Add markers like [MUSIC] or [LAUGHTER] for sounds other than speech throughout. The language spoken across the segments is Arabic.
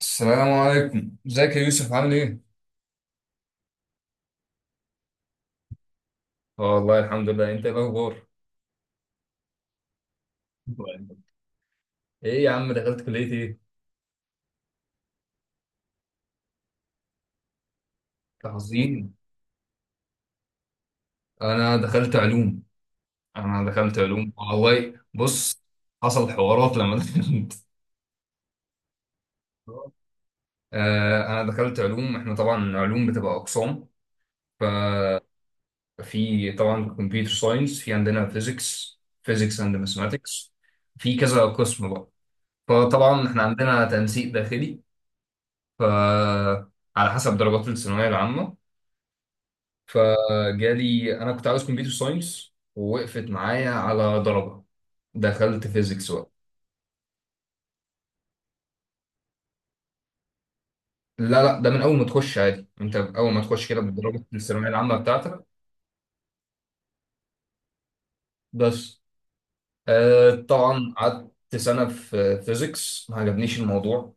السلام عليكم، ازيك يا يوسف؟ عامل ايه؟ اه والله الحمد لله. انت ايه الاخبار؟ ايه يا عم، دخلت كلية ايه؟ أنت حزين. انا دخلت علوم. انا دخلت علوم والله. بص، حصل حوارات لما دخلت. [LAUGHS] آه انا دخلت علوم. احنا طبعا علوم بتبقى اقسام. في طبعا كمبيوتر ساينس، في عندنا فيزيكس، فيزيكس اند ماثماتكس، في كذا قسم بقى. فطبعا احنا عندنا تنسيق داخلي، ف على حسب درجات الثانويه العامه. فجالي انا كنت عاوز كمبيوتر ساينس، ووقفت معايا على درجه، دخلت فيزيكس بقى. لا لا، ده من اول ما تخش عادي، انت اول ما تخش كده بدرجه الثانويه العامه بتاعتك. بس آه طبعا قعدت سنه في فيزيكس، ما عجبنيش الموضوع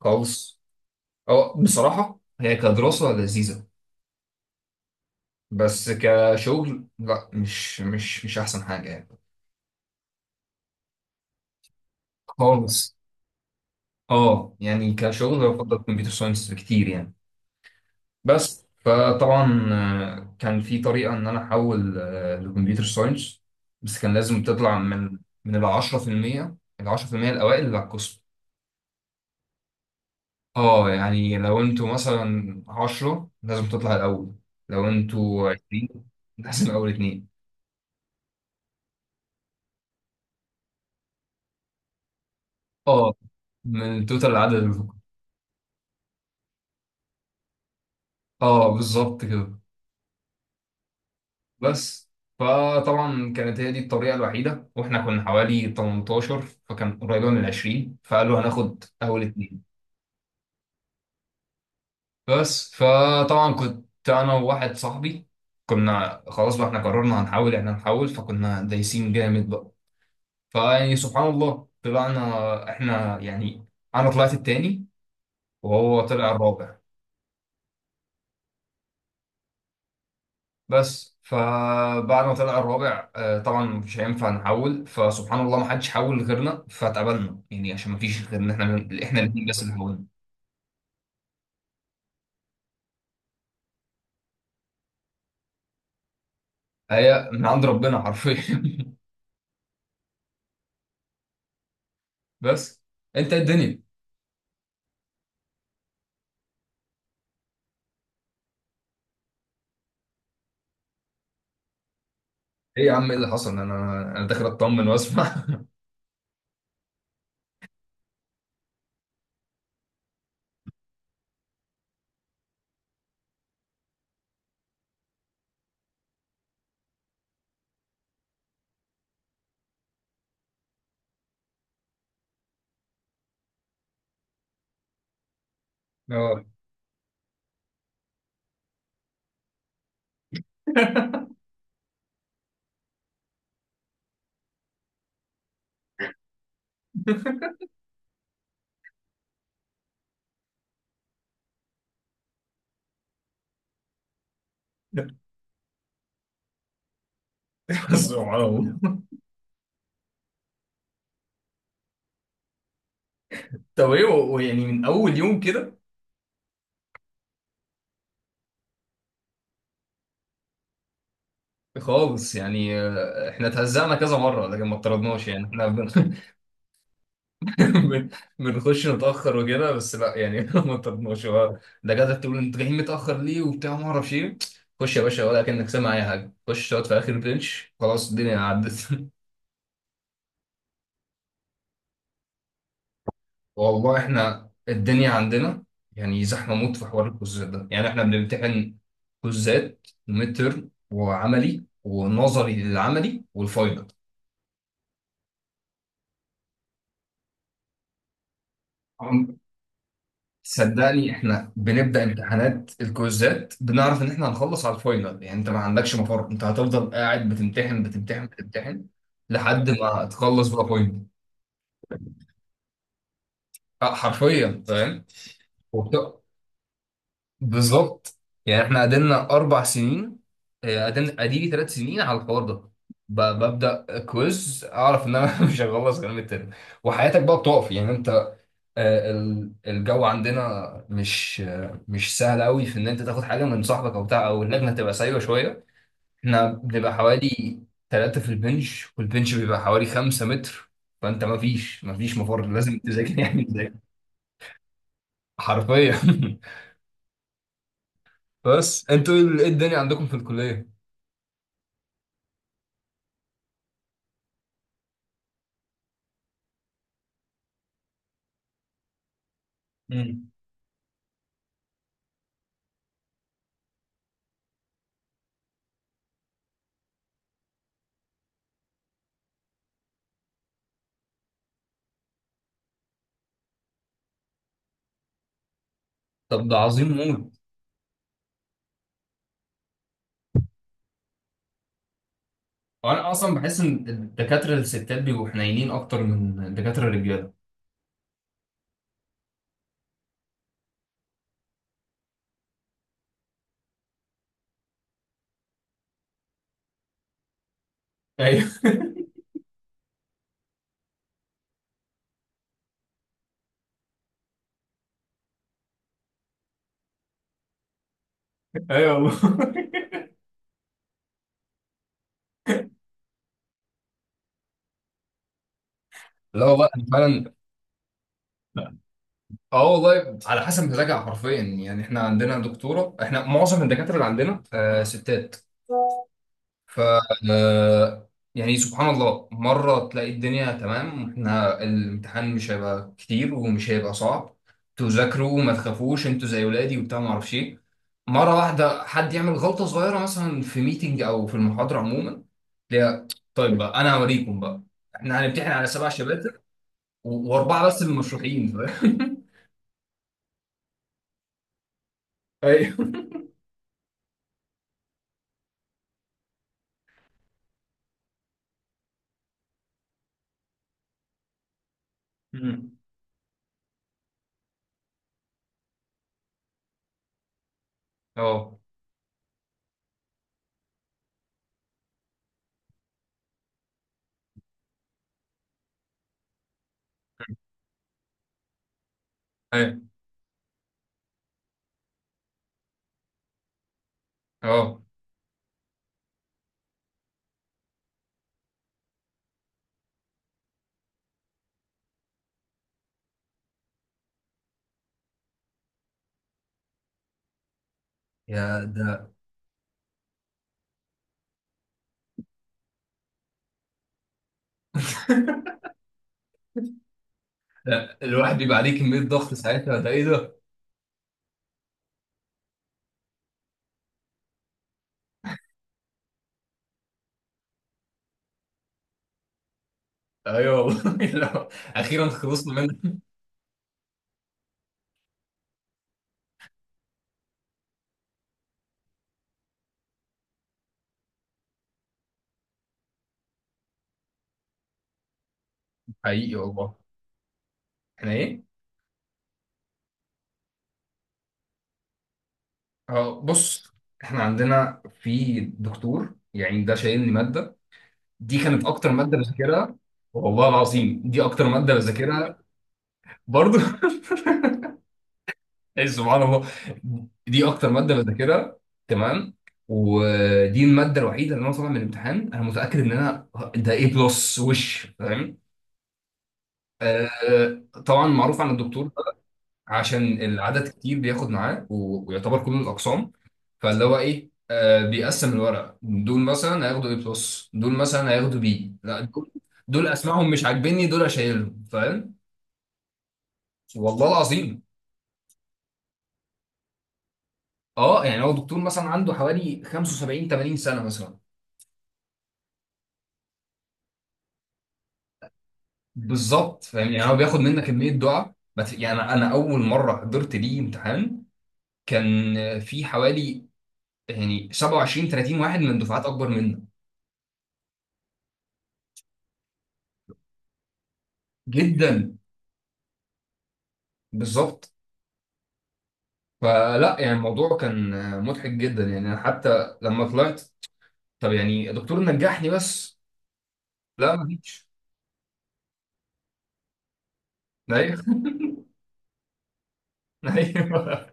خالص. أو بصراحه هي كدراسه لذيذه، بس كشغل لا، مش احسن حاجه يعني. خالص، اه يعني كشغل بفضل كمبيوتر ساينس بكتير يعني. بس فطبعا كان في طريقة إن أنا أحول لكمبيوتر ساينس. بس كان لازم تطلع من ال 10%، ال 10% الأوائل اللي على القسم. اه يعني لو انتوا مثلا 10 لازم تطلع الأول، لو انتوا 20 لازم أول اتنين. اه، من توتال العدد اللي في القسم. اه بالظبط كده. بس فطبعا كانت هي دي الطريقة الوحيدة، واحنا كنا حوالي 18، فكان قريبة من 20، فقالوا هناخد أول اتنين. بس فطبعا كنت انا وواحد صاحبي، كنا خلاص بقى احنا قررنا هنحاول، احنا هنحاول، فكنا دايسين جامد بقى. فيعني سبحان الله طلعنا احنا يعني، انا طلعت التاني وهو طلع الرابع. بس فبعد ما طلع الرابع طبعا مش هينفع نحول، فسبحان الله ما حدش حول غيرنا، فاتقبلنا يعني عشان ما فيش غيرنا. احنا من... احنا الاثنين بس اللي حولنا. هي من عند ربنا حرفيا. [LAUGHS] بس انت الدنيا؟ ايه يا عم ايه اللي حصل؟ انا انا داخل اطمن واسمع. اه بس معاهم. طب ايه ويعني من اول يوم كده؟ خالص يعني، احنا اتهزقنا كذا مره لكن ما اطردناش يعني. احنا [LAUGHS] بن- بنخش نتاخر وكده بس، لا يعني [LAUGHS] ما اطردناش. هو الدكاتره تقول انتوا جايين متاخر ليه وبتاع ما اعرفش ايه، خش يا باشا ولا كانك سامع اي حاجه، خش اقعد في اخر بنش، خلاص الدنيا عدت. [LAUGHS] والله احنا الدنيا عندنا يعني زحمه موت في حوار الكوزات ده. يعني احنا بنمتحن كوزات، ميد ترم، وعملي ونظري للعملي، والفاينل. عم- صدقني احنا بنبدا امتحانات الكوزات، بنعرف ان احنا هنخلص على الفاينل، يعني انت ما عندكش مفر، انت هتفضل قاعد بتمتحن بتمتحن بتمتحن لحد ما تخلص بقى فاينل. اه حرفيا. فاهم، بالظبط. يعني احنا قعدنا اربع سنين، قعدنا اديلي ثلاث سنين على الحوار ده. ببدا كويز اعرف ان انا [LAUGHS] مش هخلص غير من الترم. وحياتك بقى بتقف يعني انت. الجو عندنا مش مش سهل قوي في ان انت تاخد حاجه من صاحبك او بتاع، او اللجنه تبقى سايبه شويه. احنا بنبقى حوالي ثلاثه في البنش، والبنش بيبقى حوالي خمسة متر. فانت ما فيش مفر، لازم تذاكر [LAUGHS] يعني تذاكر. حرفيا. [LAUGHS] بس انتوا ايه الدنيا عندكم في الكليه؟ طب ده عظيم موت. وانا اصلا بحس ان الدكاتره الستات بيبقوا حنينين اكتر من الدكاتره الرجاله. ايوه. [LAUGHS] ايوه والله. لا والله انا فعلا. اه والله على حسب مزاجها حرفيا. يعني احنا عندنا دكتوره، احنا معظم الدكاتره اللي عندنا آه ستات. ف آه، يعني سبحان الله مرة تلاقي الدنيا تمام، احنا الامتحان مش هيبقى كتير ومش هيبقى صعب، تذاكروا وما تخافوش، انتوا زي ولادي وبتاع ما اعرفش ايه. مرة واحدة حد يعمل غلطة صغيرة مثلا في ميتنج او في المحاضرة عموما، تلاقيها طيب بقى انا هوريكم بقى. احنا هنمتحن على سبع شباتر، واربعة بس اللي مشروحين فاهم. [LAUGHS] ايوه. مم. اه. ايوه. اه. يا ده، ده الواحد بيبقى عليه كمية ضغط ساعتها، ده ايه ده؟ ايوه والله. [LAUGHS] لو- اخيرا خلصنا منه. حقيقي والله. احنا ايه؟ اه بص، احنا عندنا في دكتور يعني ده شايلني ماده، دي كانت اكتر ماده بذاكرها، والله العظيم دي اكتر ماده بذاكرها. برضو [LAUGHS] إيه سبحان الله، دي اكتر ماده بذاكرها. تمام. ودي الماده الوحيده اللي انا طالع من الامتحان انا متاكد ان انا ده ايه بلس وش، فاهم؟ طبعا معروف عن الدكتور، عشان العدد كتير بياخد معاه، ويعتبر كله الاقسام. فاللي هو ايه، آه بيقسم الورق، دول مثلا هياخدوا اي بلس، دول مثلا هياخدوا بي، لا دول دول اسمائهم مش عاجبني، دول اشيلهم فاهم. والله العظيم. اه يعني هو دكتور مثلا عنده حوالي 75 80 سنه مثلا. بالظبط فاهم، يعني هو بياخد منك كميه دعاء ما يعني انا اول مره حضرت ليه امتحان كان في حوالي يعني 27 30 واحد من دفعات اكبر منه. جدا، بالظبط. فلا يعني الموضوع كان مضحك جدا، يعني انا حتى لما طلعت: طب يعني يا دكتور نجحني بس. لا ما فيش. ايوه. [LAUGHS] ايوه.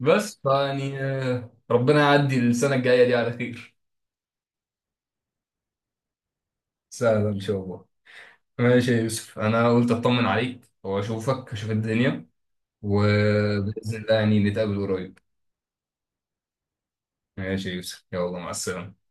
بس فيعني ربنا يعدي السنه الجايه دي على خير. سهلا ان شاء الله. ماشي يا يوسف، انا قلت اطمن عليك واشوفك، اشوف الدنيا، وباذن الله يعني نتقابل قريب. ماشي يا يوسف، يلا مع السلامه.